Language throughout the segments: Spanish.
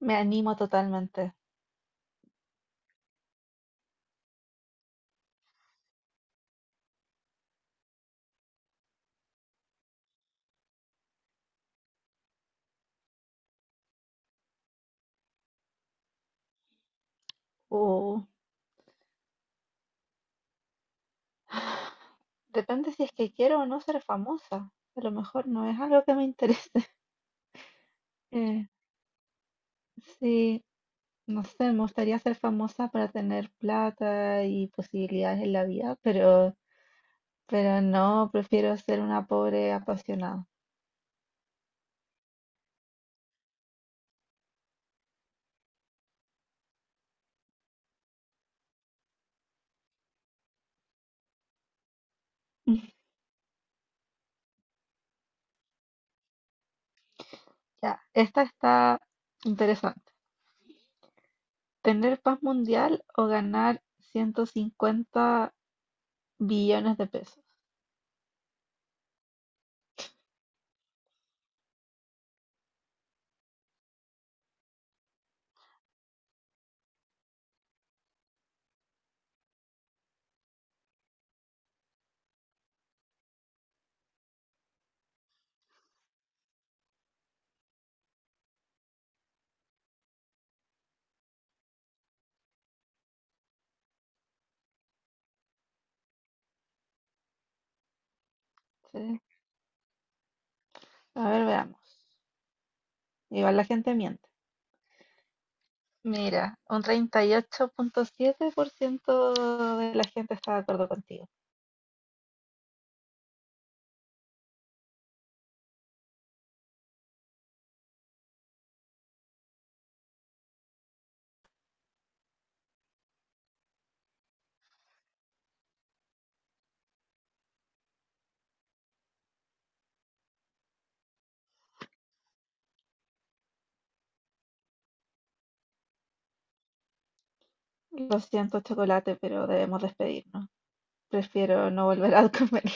Me animo totalmente. Uh, Depende si es que quiero o no ser famosa. A lo mejor no es algo que me interese. Eh, sí, no sé, me gustaría ser famosa para tener plata y posibilidades en la vida, pero no, prefiero ser una pobre apasionada. Ya, esta está interesante. ¿Tener paz mundial o ganar 150 billones de pesos? Sí. A ver, veamos. Igual la gente miente. Mira, un 38,7% de la gente está de acuerdo contigo. Lo siento, chocolate, pero debemos despedirnos. Prefiero no volver a comerlo.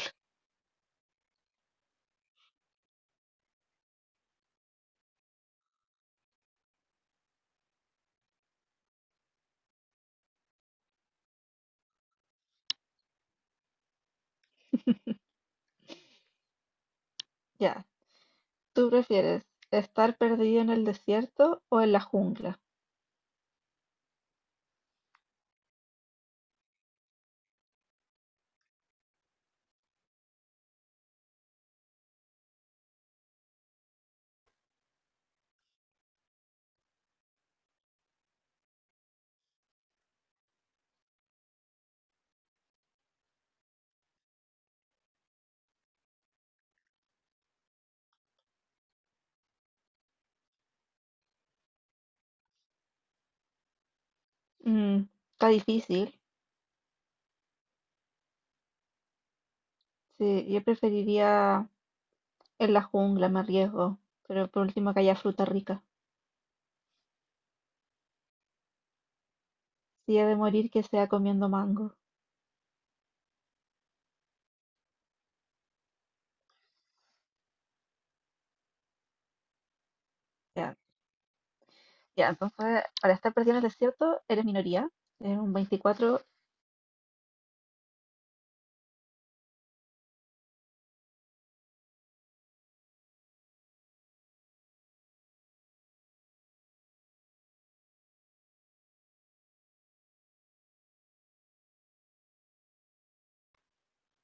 Ya, ¿tú prefieres estar perdido en el desierto o en la jungla? Mm, está difícil. Sí, yo preferiría en la jungla, me arriesgo. Pero por último que haya fruta rica. Si he de morir, que sea comiendo mango. Ya, ya, entonces, para estar perdido en el desierto, eres minoría. Eres un 24.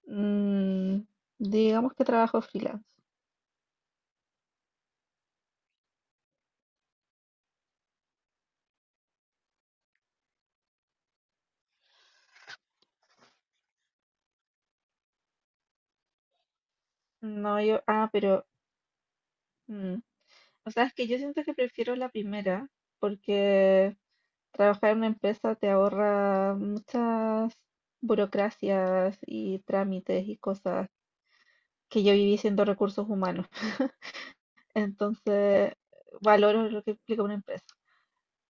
Mm, digamos que trabajo freelance. No, yo, pero, mm, o sea, es que yo siento que prefiero la primera porque trabajar en una empresa te ahorra muchas burocracias y trámites y cosas que yo viví siendo recursos humanos. Entonces, valoro lo que implica una empresa.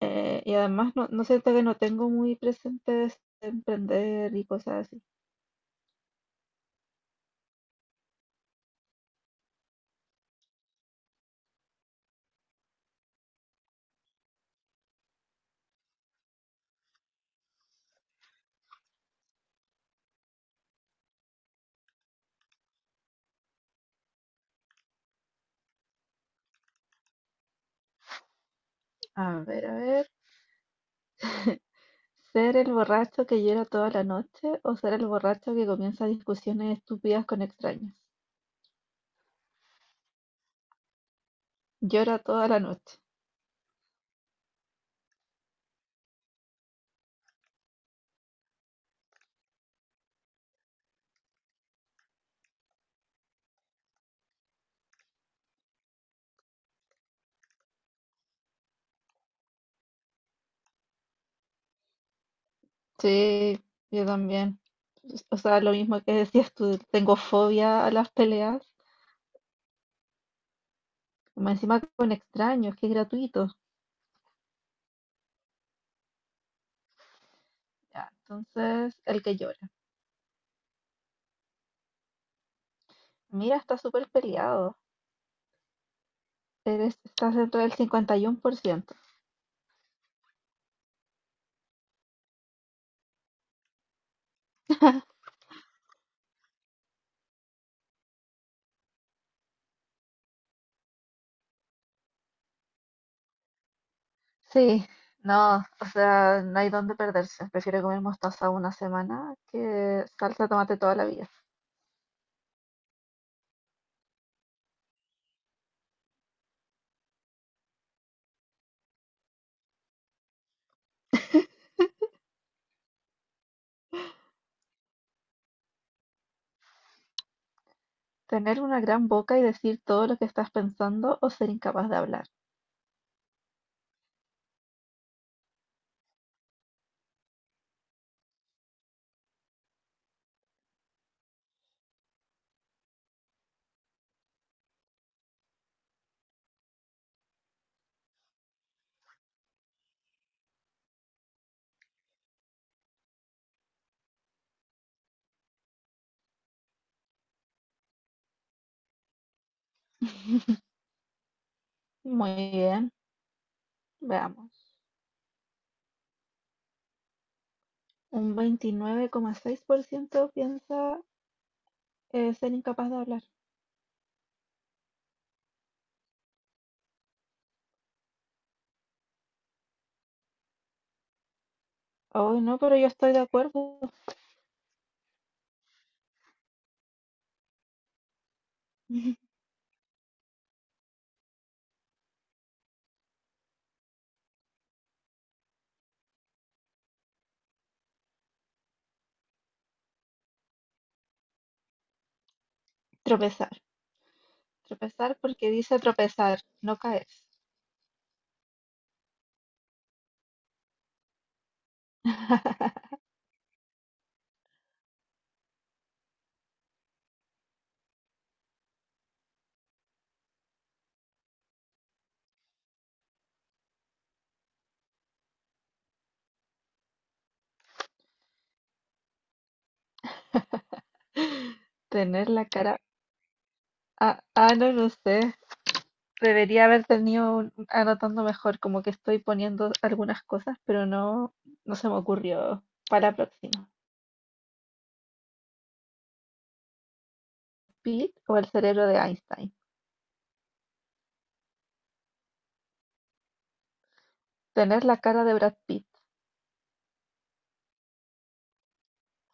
Y además, no, no siento que no tengo muy presentes emprender y cosas así. A ver, a ver. ¿Ser el borracho que llora toda la noche o ser el borracho que comienza discusiones estúpidas con extraños? Llora toda la noche. Sí, yo también. O sea, lo mismo que decías tú, tengo fobia a las peleas, más encima con extraños, que es gratuito. Ya, entonces, el que llora. Mira, está súper peleado. Eres, estás dentro del 51%. Sí, no, o sea, no hay dónde perderse. Prefiero comer mostaza una semana que salsa de tomate toda la vida. Tener una gran boca y decir todo lo que estás pensando o ser incapaz de hablar. Muy bien, veamos. Un 29,6% piensa ser incapaz de hablar. Hoy no, pero yo estoy de acuerdo. Tropezar. Tropezar porque dice tropezar, no caerse. Tener la cara... no lo sé. Debería haber tenido anotando mejor, como que estoy poniendo algunas cosas, pero no, no se me ocurrió. Para la próxima. Pete o el cerebro de Einstein. Tener la cara de Brad Pitt.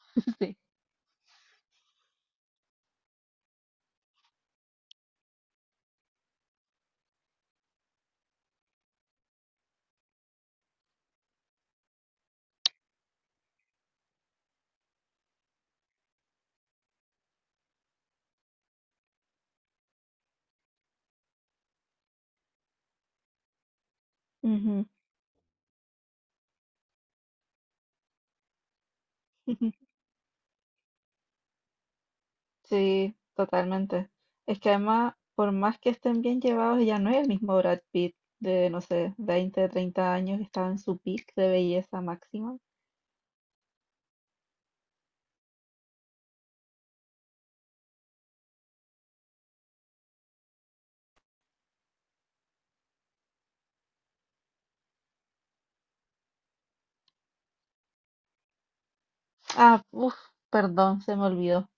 Sí. Ujú. Sí, totalmente. Es que además, por más que estén bien llevados, ya no es el mismo Brad Pitt de, no sé, 20, 30 años que estaba en su peak de belleza máxima. Ah, uff, perdón, se me olvidó.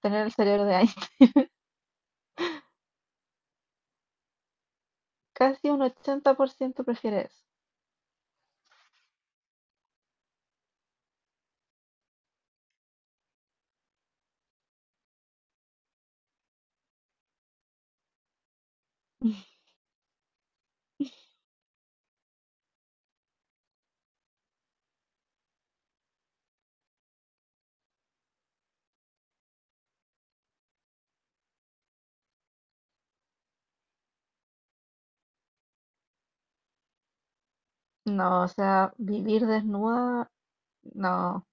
Tener el cerebro de Einstein. Casi un 80% prefiere eso. No, o sea, vivir desnuda, no.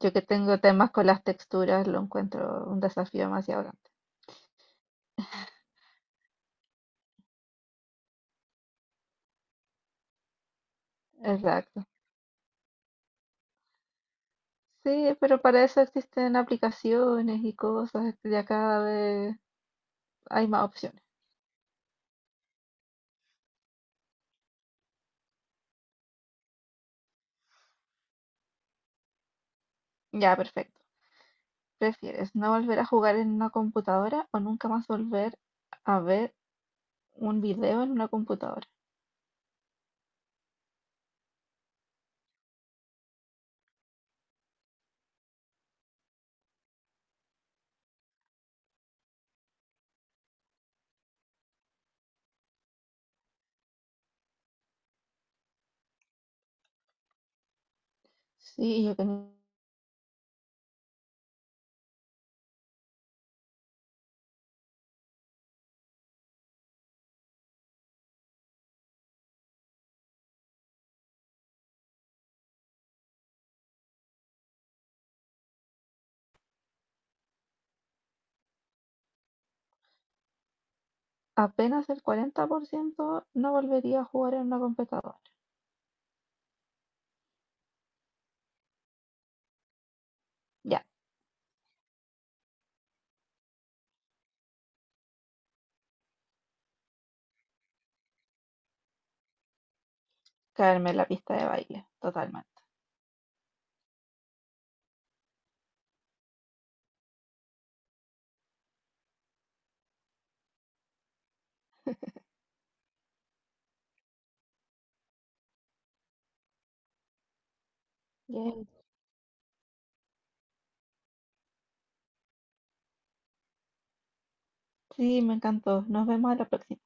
Yo que tengo temas con las texturas, lo encuentro un desafío demasiado grande. Exacto. Sí, pero para eso existen aplicaciones y cosas, este, ya cada vez hay más opciones. Ya, perfecto. ¿Prefieres no volver a jugar en una computadora o nunca más volver a ver un video en una computadora? Sí, yo que ni- apenas el 40% no volvería a jugar en una computadora. Ya, caerme en la pista de baile, totalmente. Yay. Sí, me encantó. Nos vemos a la próxima.